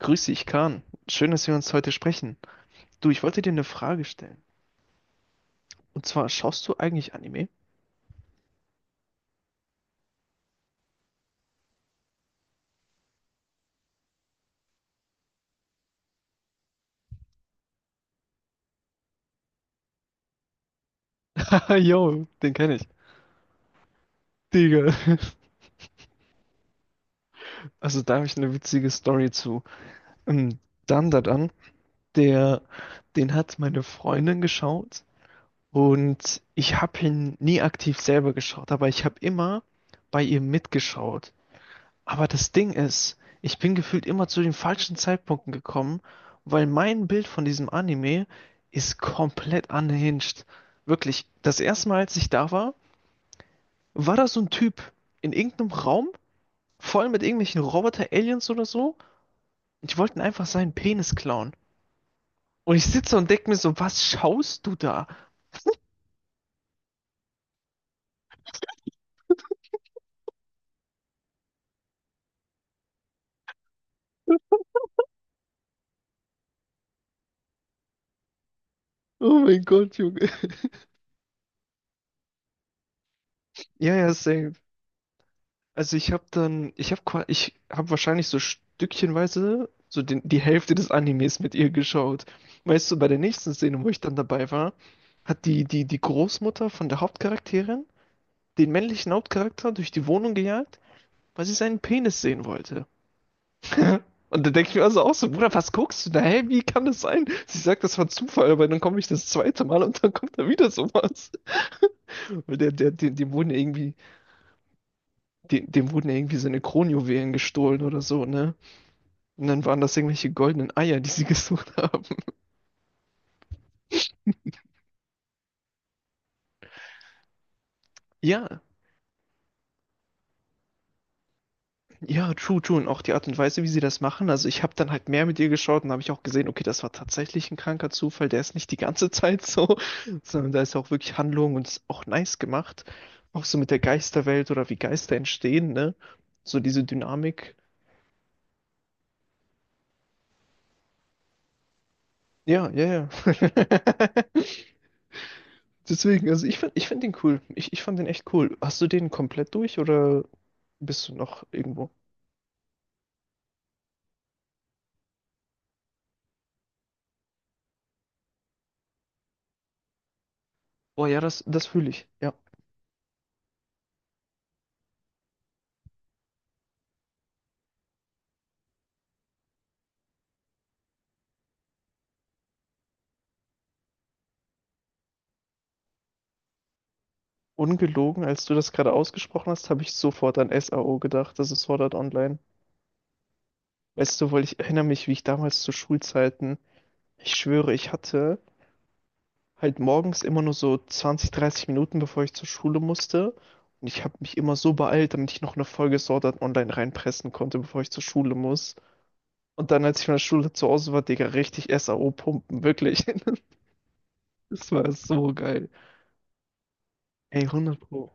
Grüß dich, Kahn. Schön, dass wir uns heute sprechen. Du, ich wollte dir eine Frage stellen. Und zwar, schaust du eigentlich Anime? Ah, yo, den kenne ich. Digga. Also, da habe ich eine witzige Story zu. Ähm, Dandadan, der, den hat meine Freundin geschaut und ich habe ihn nie aktiv selber geschaut, aber ich habe immer bei ihr mitgeschaut. Aber das Ding ist, ich bin gefühlt immer zu den falschen Zeitpunkten gekommen, weil mein Bild von diesem Anime ist komplett unhinged. Wirklich, das erste Mal, als ich da war, war da so ein Typ in irgendeinem Raum, voll mit irgendwelchen Roboter-Aliens oder so. Und die wollten einfach seinen Penis klauen. Und ich sitze und denke mir so, was schaust du da? Oh mein Gott, Junge. Ja, ja, same. Also ich habe dann, ich habe ich hab wahrscheinlich so stückchenweise so die Hälfte des Animes mit ihr geschaut. Weißt du, bei der nächsten Szene, wo ich dann dabei war, hat die Großmutter von der Hauptcharakterin den männlichen Hauptcharakter durch die Wohnung gejagt, weil sie seinen Penis sehen wollte. Und da denke ich mir also auch so, Bruder, was guckst du da? Hä, wie kann das sein? Sie sagt, das war Zufall, aber dann komme ich das zweite Mal und dann kommt da wieder sowas. Weil dem wurden irgendwie, dem, dem wurden irgendwie seine Kronjuwelen gestohlen oder so, ne? Und dann waren das irgendwelche goldenen Eier, die sie gesucht haben. Ja, ja, true, true. Und auch die Art und Weise, wie sie das machen. Also ich habe dann halt mehr mit ihr geschaut und habe ich auch gesehen, okay, das war tatsächlich ein kranker Zufall. Der ist nicht die ganze Zeit so, sondern da ist auch wirklich Handlung und ist auch nice gemacht. Auch so mit der Geisterwelt oder wie Geister entstehen, ne? So diese Dynamik. Ja, ja, ja. Deswegen, also ich find den cool. Ich fand den echt cool. Hast du den komplett durch oder bist du noch irgendwo? Boah, ja, das fühle ich. Ja. Ungelogen, als du das gerade ausgesprochen hast, habe ich sofort an SAO gedacht, das ist Sword Art Online. Weißt du, weil ich erinnere mich, wie ich damals zu Schulzeiten, ich schwöre, ich hatte halt morgens immer nur so 20, 30 Minuten, bevor ich zur Schule musste. Und ich habe mich immer so beeilt, damit ich noch eine Folge Sword Art Online reinpressen konnte, bevor ich zur Schule muss. Und dann, als ich von der Schule zu Hause war, Digga, richtig SAO pumpen, wirklich. Das war so geil. Ey, 100 Pro.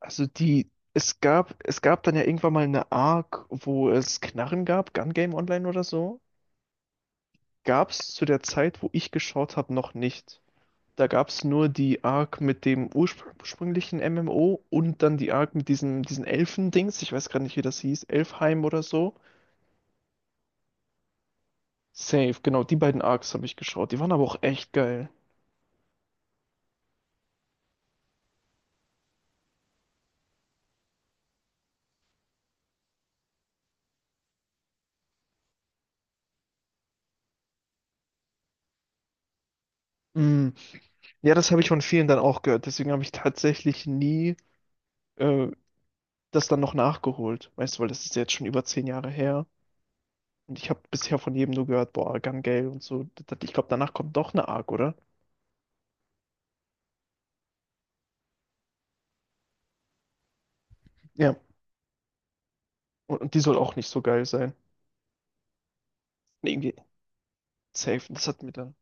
Also die, es gab dann ja irgendwann mal eine Arc, wo es Knarren gab, Gun Game Online oder so. Gab es zu der Zeit, wo ich geschaut habe, noch nicht. Da gab es nur die Arc mit dem ursprünglichen MMO und dann die Arc mit diesen Elfen-Dings. Ich weiß gerade nicht, wie das hieß. Elfheim oder so. Safe, genau, die beiden Arcs habe ich geschaut. Die waren aber auch echt geil. Mm. Ja, das habe ich von vielen dann auch gehört. Deswegen habe ich tatsächlich nie äh, das dann noch nachgeholt. Weißt du, weil das ist jetzt schon über 10 Jahre her. Und ich habe bisher von jedem nur gehört, boah, Gun-Gale und so. Das- Ich glaube, danach kommt doch eine Arc, oder? Ja. Und die soll auch nicht so geil sein. Nee, irgendwie safe. Das hat mir dann.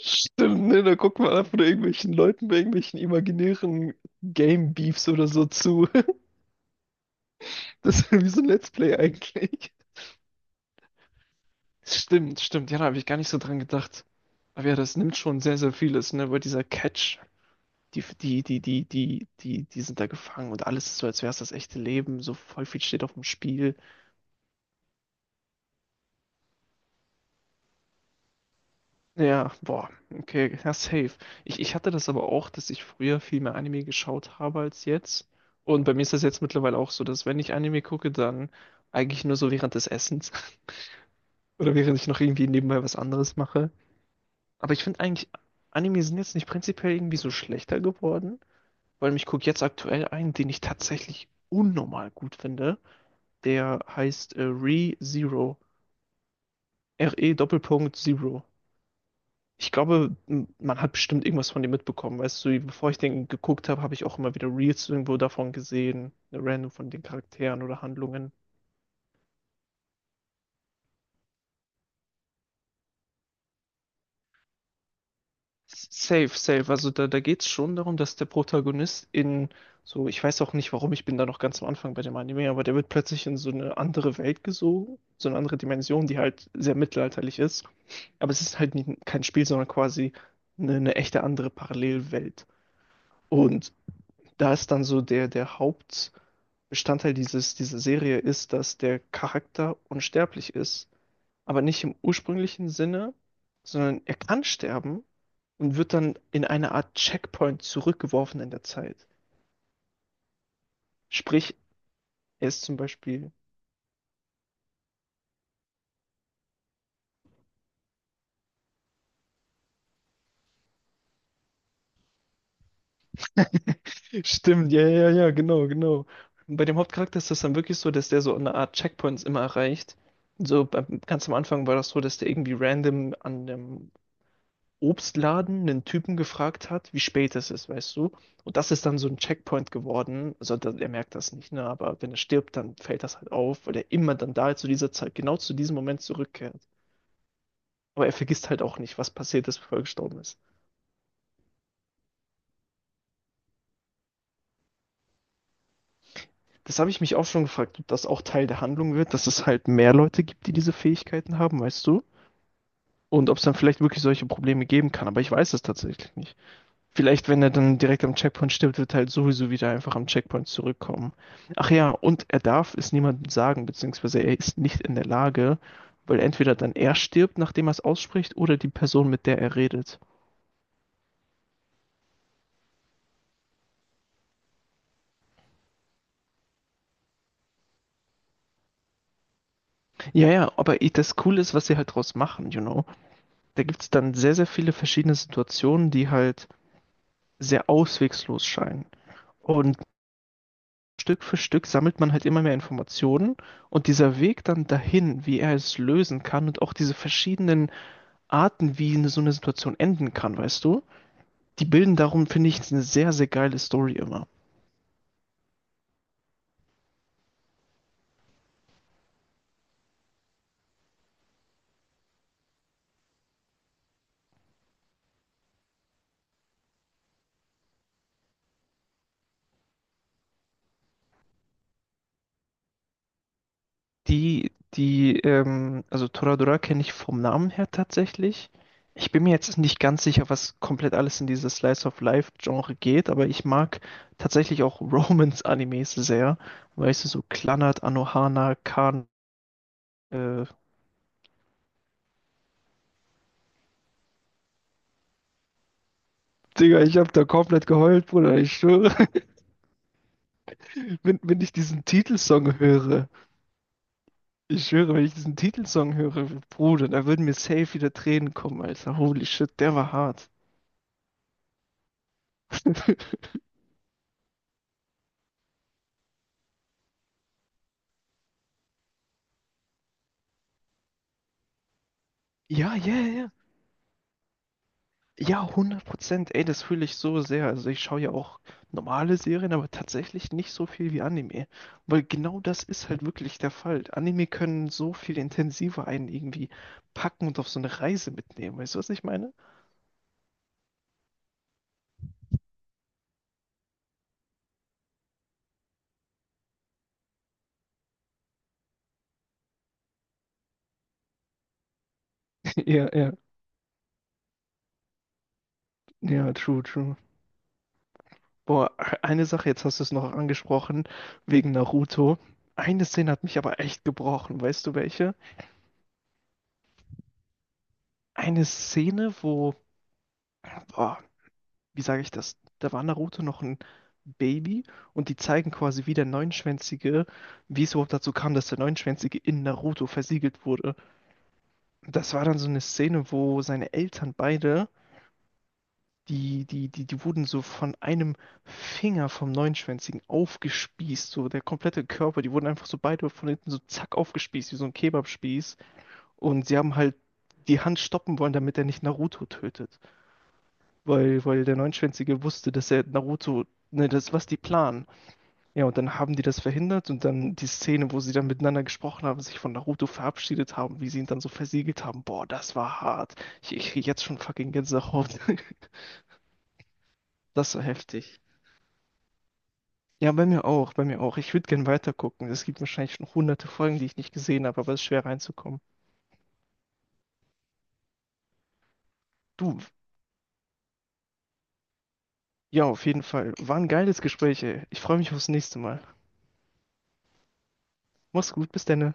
Stimmt, ne? Da guckt man einfach nur irgendwelchen Leuten bei irgendwelchen imaginären Game-Beefs oder so zu. Das ist wie so ein Let's Play eigentlich. Stimmt, stimmt. Ja, da habe ich gar nicht so dran gedacht. Aber ja, das nimmt schon sehr, sehr vieles, ne? Weil dieser Catch, die sind da gefangen und alles ist so, als wäre es das echte Leben. So voll viel steht auf dem Spiel. Ja, boah, okay, ja, safe. Ich hatte das aber auch, dass ich früher viel mehr Anime geschaut habe als jetzt. Und bei mir ist das jetzt mittlerweile auch so, dass wenn ich Anime gucke, dann eigentlich nur so während des Essens oder während ich noch irgendwie nebenbei was anderes mache. Aber ich finde eigentlich, Anime sind jetzt nicht prinzipiell irgendwie so schlechter geworden, weil ich gucke jetzt aktuell einen, den ich tatsächlich unnormal gut finde. Der heißt Re Zero. R-E Doppelpunkt Zero. Ich glaube, man hat bestimmt irgendwas von dem mitbekommen. Weißt du, bevor ich den geguckt habe, habe ich auch immer wieder Reels irgendwo davon gesehen, random von den Charakteren oder Handlungen. Safe, safe. Also da geht es schon darum, dass der Protagonist in so, ich weiß auch nicht warum, ich bin da noch ganz am Anfang bei dem Anime, aber der wird plötzlich in so eine andere Welt gesogen, so eine andere Dimension, die halt sehr mittelalterlich ist. Aber es ist halt nie, kein Spiel, sondern quasi eine echte andere Parallelwelt. Und da ist dann so der Haupt. Bestandteil dieser Serie ist, dass der Charakter unsterblich ist, aber nicht im ursprünglichen Sinne, sondern er kann sterben und wird dann in eine Art Checkpoint zurückgeworfen in der Zeit. Sprich, er ist zum Beispiel. Stimmt, ja, ja, ja, genau, genau. Bei dem Hauptcharakter ist das dann wirklich so, dass der so eine Art Checkpoints immer erreicht. So beim- ganz am Anfang war das so, dass der irgendwie random an dem Obstladen einen Typen gefragt hat, wie spät es ist, weißt du? Und das ist dann so ein Checkpoint geworden. Also da- er merkt das nicht, ne? Aber wenn er stirbt, dann fällt das halt auf, weil er immer dann da zu dieser Zeit, genau zu diesem Moment zurückkehrt. Aber er vergisst halt auch nicht, was passiert ist, bevor er gestorben ist. Das habe ich mich auch schon gefragt, ob das auch Teil der Handlung wird, dass es halt mehr Leute gibt, die diese Fähigkeiten haben, weißt du? Und ob es dann vielleicht wirklich solche Probleme geben kann. Aber ich weiß es tatsächlich nicht. Vielleicht, wenn er dann direkt am Checkpoint stirbt, wird er halt sowieso wieder einfach am Checkpoint zurückkommen. Ach ja, und er darf es niemandem sagen, beziehungsweise er ist nicht in der Lage, weil entweder dann er stirbt, nachdem er es ausspricht, oder die Person, mit der er redet. Ja, ja, aber das Coole ist, was sie halt draus machen, you know. Da gibt es dann sehr, sehr viele verschiedene Situationen, die halt sehr auswegslos scheinen. Und Stück für Stück sammelt man halt immer mehr Informationen und dieser Weg dann dahin, wie er es lösen kann und auch diese verschiedenen Arten, wie so eine Situation enden kann, weißt du? Die bilden darum, finde ich, eine sehr, sehr geile Story immer. Also Toradora kenne ich vom Namen her tatsächlich. Ich bin mir jetzt nicht ganz sicher, was komplett alles in dieses Slice of Life-Genre geht, aber ich mag tatsächlich auch Romance-Animes sehr. Weißt du, so Clannad, Anohana, Kan. Äh, Digga, ich habe da komplett geheult, Bruder, ich schwöre. Wenn ich diesen Titelsong höre, ich schwöre, wenn ich diesen Titelsong höre, Bruder, da würden mir safe wieder Tränen kommen, Alter. Holy shit, der war hart. Ja, ja, ja. Ja, 100%. Ey, das fühle ich so sehr. Also ich schaue ja auch normale Serien, aber tatsächlich nicht so viel wie Anime. Weil genau das ist halt wirklich der Fall. Anime können so viel intensiver einen irgendwie packen und auf so eine Reise mitnehmen. Weißt du, was ich meine? Ja, ja, ja, true, true. Boah, eine Sache, jetzt hast du es noch angesprochen, wegen Naruto. Eine Szene hat mich aber echt gebrochen, weißt du welche? Eine Szene, boah, wie sage ich das? Da war Naruto noch ein Baby und die zeigen quasi, wie der Neunschwänzige, wie es überhaupt dazu kam, dass der Neunschwänzige in Naruto versiegelt wurde. Das war dann so eine Szene, wo seine Eltern beide die wurden so von einem Finger vom Neunschwänzigen aufgespießt, so der komplette Körper, die wurden einfach so beide von hinten so zack aufgespießt, wie so ein Kebabspieß. Und sie haben halt die Hand stoppen wollen, damit er nicht Naruto tötet. Weil der Neunschwänzige wusste, dass er Naruto, ne, das ist, was die planen. Ja, und dann haben die das verhindert und dann die Szene, wo sie dann miteinander gesprochen haben, sich von Naruto verabschiedet haben, wie sie ihn dann so versiegelt haben. Boah, das war hart. Ich krieg jetzt schon fucking Gänsehaut. Das war heftig. Ja, bei mir auch, bei mir auch. Ich würde gern weitergucken. Es gibt wahrscheinlich schon hunderte Folgen, die ich nicht gesehen habe, aber es ist schwer reinzukommen. Du, ja, auf jeden Fall. War ein geiles Gespräch, ey. Ich freue mich aufs nächste Mal. Mach's gut, bis dann.